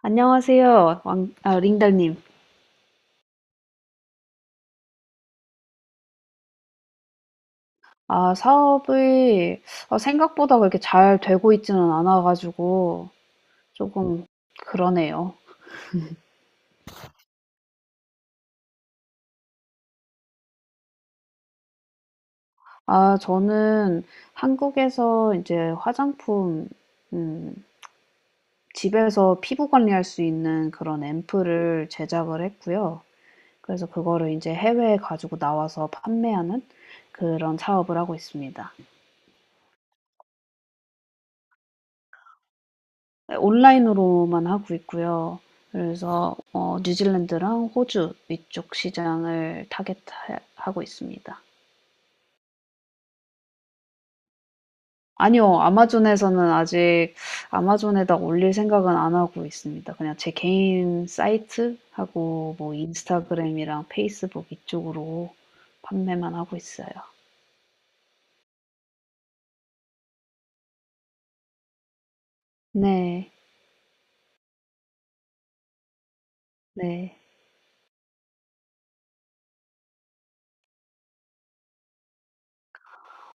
안녕하세요, 링달님. 아, 사업이 생각보다 그렇게 잘 되고 있지는 않아가지고 조금 그러네요. 아, 저는 한국에서 이제 화장품, 음, 집에서 피부 관리할 수 있는 그런 앰플을 제작을 했고요. 그래서 그거를 이제 해외에 가지고 나와서 판매하는 그런 사업을 하고 있습니다. 온라인으로만 하고 있고요. 그래서 뉴질랜드랑 호주 이쪽 시장을 타겟하고 있습니다. 아니요. 아마존에서는 아직 아마존에다 올릴 생각은 안 하고 있습니다. 그냥 제 개인 사이트하고 뭐 인스타그램이랑 페이스북 이쪽으로 판매만 하고 있어요. 네. 네.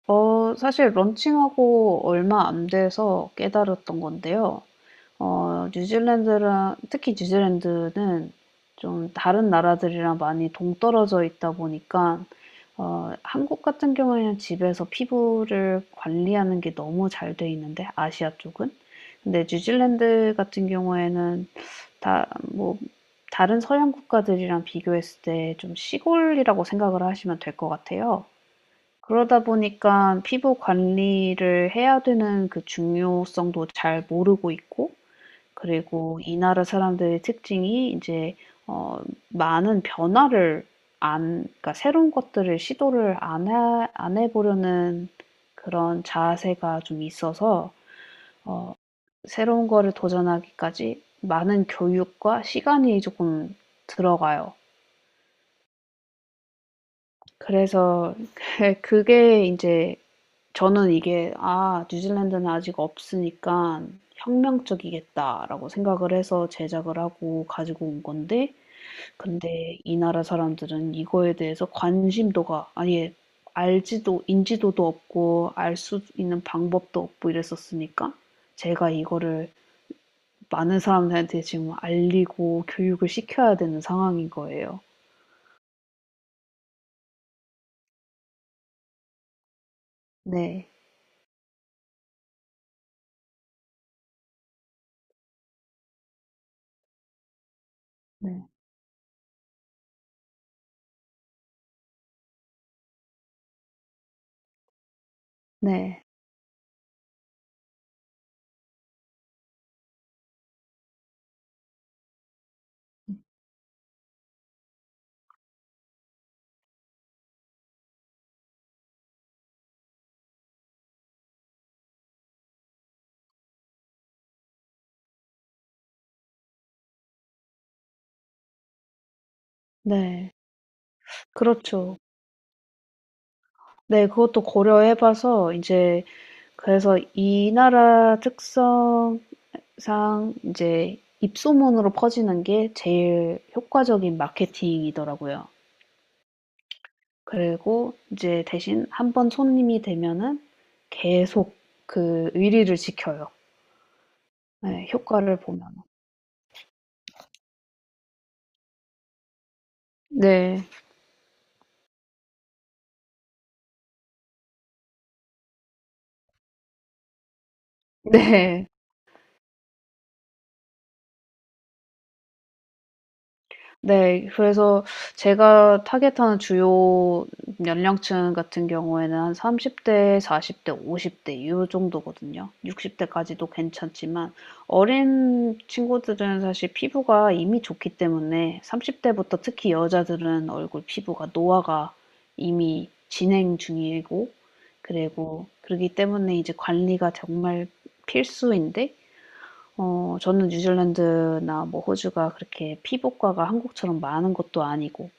사실 런칭하고 얼마 안 돼서 깨달았던 건데요. 뉴질랜드랑 특히 뉴질랜드는 좀 다른 나라들이랑 많이 동떨어져 있다 보니까 한국 같은 경우에는 집에서 피부를 관리하는 게 너무 잘 돼 있는데 아시아 쪽은. 근데 뉴질랜드 같은 경우에는 다 뭐 다른 서양 국가들이랑 비교했을 때 좀 시골이라고 생각을 하시면 될 것 같아요. 그러다 보니까 피부 관리를 해야 되는 그 중요성도 잘 모르고 있고 그리고 이 나라 사람들의 특징이 이제 어 많은 변화를 안 그러니까 새로운 것들을 시도를 안 해 보려는 그런 자세가 좀 있어서 어 새로운 거를 도전하기까지 많은 교육과 시간이 조금 들어가요. 그래서 그게 이제 저는 이게 '아 뉴질랜드는 아직 없으니까 혁명적이겠다.'라고 생각을 해서 제작을 하고 가지고 온 건데 근데 이 나라 사람들은 이거에 대해서 관심도가 아예 알지도 인지도도 없고 알 수 있는 방법도 없고 이랬었으니까 제가 이거를 많은 사람들한테 지금 알리고 교육을 시켜야 되는 상황인 거예요. 네. 네. 네. 네. 그렇죠. 네. 그것도 고려해 봐서 이제 그래서 이 나라 특성상 이제 입소문으로 퍼지는 게 제일 효과적인 마케팅이더라고요. 그리고 이제 대신 한번 손님이 되면은 계속 그 의리를 지켜요. 네 효과를 보면 네. 네. 네. 그래서 제가 타겟하는 주요 연령층 같은 경우에는 한 30 대, 40 대, 50대 요 정도거든요. 60 대까지도 괜찮지만 어린 친구들은 사실 피부가 이미 좋기 때문에 30 대부터 특히 여자들은 얼굴 피부가 노화가 이미 진행 중이고 그리고 그러기 때문에 이제 관리가 정말 필수인데 저는 뉴질랜드나 뭐 호주가 그렇게 피복과가 한국처럼 많은 것도 아니고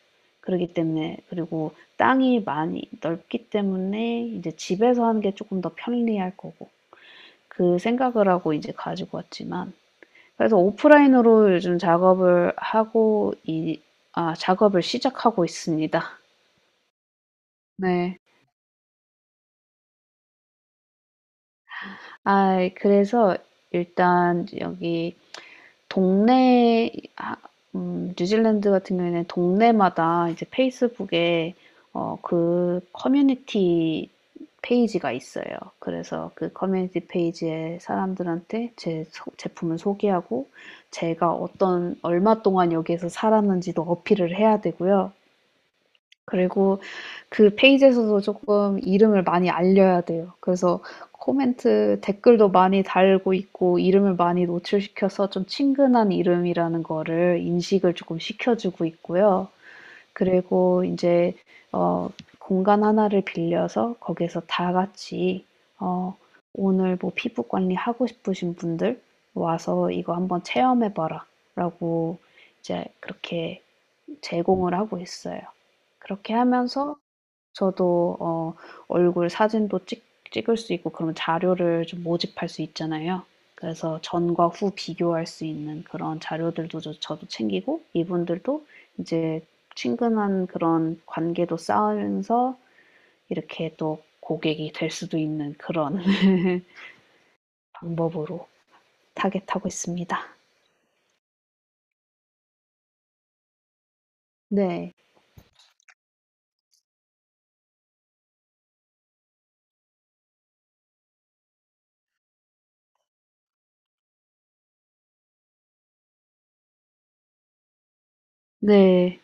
그러기 때문에 그리고 땅이 많이 넓기 때문에 이제 집에서 하는 게 조금 더 편리할 거고 그 생각을 하고 이제 가지고 왔지만 그래서 오프라인으로 요즘 작업을 하고 이 아 작업을 시작하고 있습니다. 네. 아 그래서 일단 여기 동네 뉴질랜드 같은 경우에는 동네마다 이제 페이스북에 그 커뮤니티 페이지가 있어요. 그래서 그 커뮤니티 페이지에 사람들한테 제품을 소개하고 제가 어떤 얼마 동안 여기에서 살았는지도 어필을 해야 되고요. 그리고 그 페이지에서도 조금 이름을 많이 알려야 돼요. 그래서 코멘트 댓글도 많이 달고 있고 이름을 많이 노출시켜서 좀 친근한 이름이라는 거를 인식을 조금 시켜 주고 있고요. 그리고 인제 어 공간 하나를 빌려서 거기에서 다 같이 어 "오늘 뭐 피부 관리하고 싶으신 분들 와서 이거 한번 체험해 봐라."라고 이제 그렇게 제공을 하고 있어요. 그렇게 하면서 저도 얼굴 사진도 찍 찍을 수 있고 그런 자료를 좀 모집할 수 있잖아요. 그래서 전과 후 비교할 수 있는 그런 자료들도 저도 챙기고 이분들도 이제 친근한 그런 관계도 쌓으면서 이렇게 또 고객이 될 수도 있는 그런 방법으로 타겟하고 있습니다. 네. 네.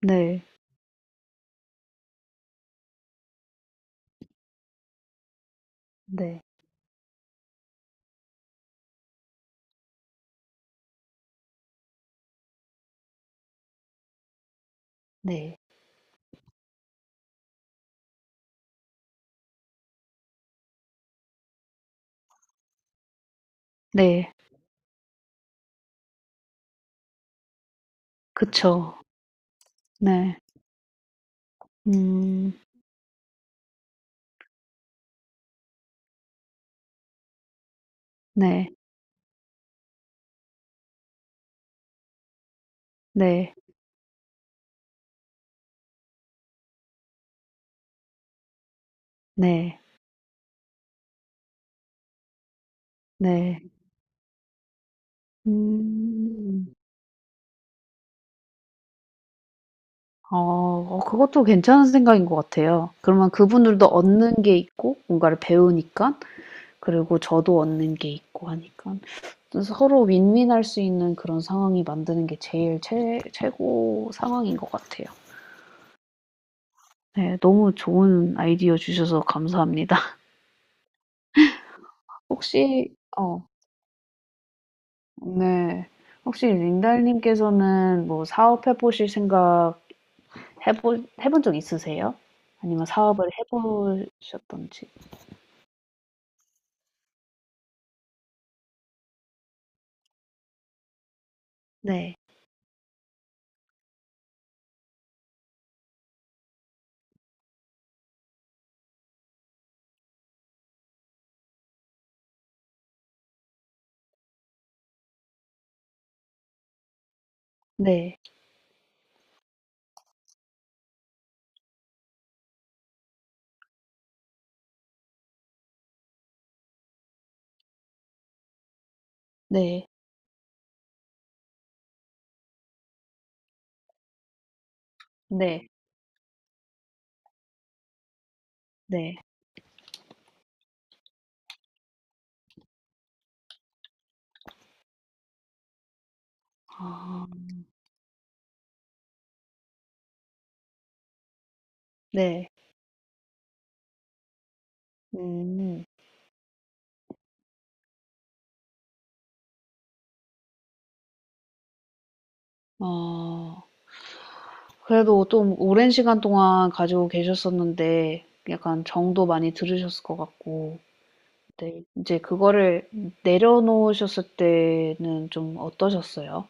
네. 네. 네. 네. 그쵸. 네. 음. 네. 네. 네. 네. 음. 어. 그것도 괜찮은 생각인 것 같아요. 그러면 그분들도 얻는 게 있고 뭔가를 배우니깐 그리고 저도 얻는 게 있고 하니깐 또 서로 윈윈할 수 있는 그런 상황이 만드는 게 제일 최 최고 상황인 것 같아요. 네. 너무 좋은 아이디어 주셔서 감사합니다. 혹시 네. 혹시 린달님께서는 뭐 사업해 보실 생각 해볼 해본 적 있으세요? 아니면 사업을 해 보셨던지? 네. 네. 네. 네. 네. 아 네. 음. 어. 그래도 좀 오랜 시간 동안 가지고 계셨었는데 약간 정도 많이 들으셨을 것 같고 네. 인제 그거를 내려놓으셨을 때는 좀 어떠셨어요?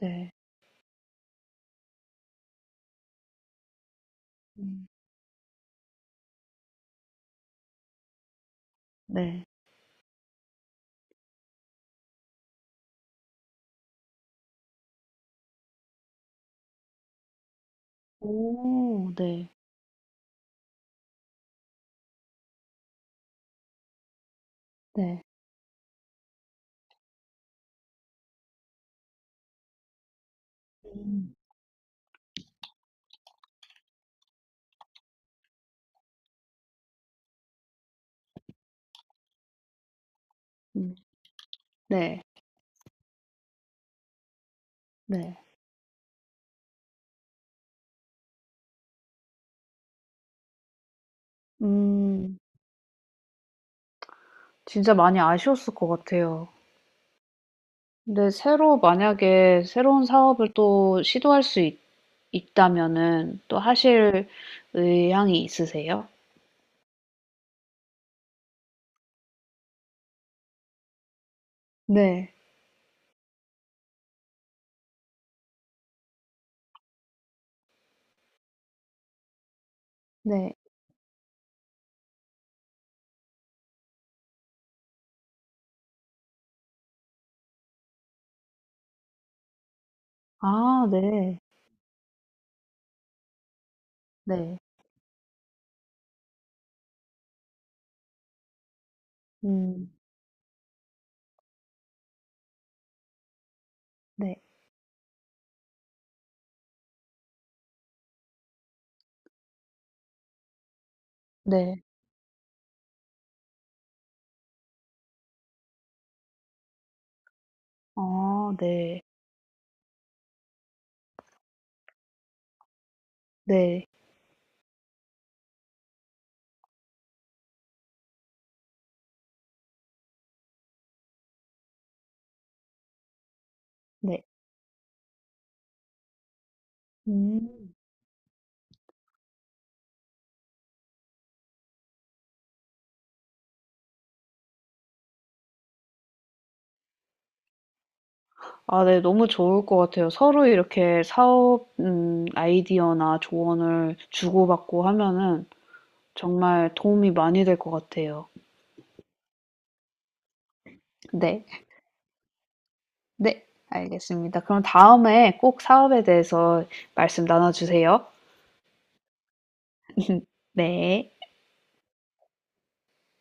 네. 음 네. 오 네. 네. 음. 음. 네. 네. 음. 진짜 많이 아쉬웠을 것 같아요. 근데 새로 만약에 새로운 사업을 또 시도할 수 있다면은 또 하실 의향이 있으세요? 네. 네. 아 네. 네. 음. 네. 네. 아 네. 네. 네. 음. 아 네. 너무 좋을 것 같아요. 서로 이렇게 사업 아이디어나 조언을 주고받고 하면은 정말 도움이 많이 될 것 같아요. 네. 네, 알겠습니다. 그럼 다음에 꼭 사업에 대해서 말씀 나눠주세요. 네.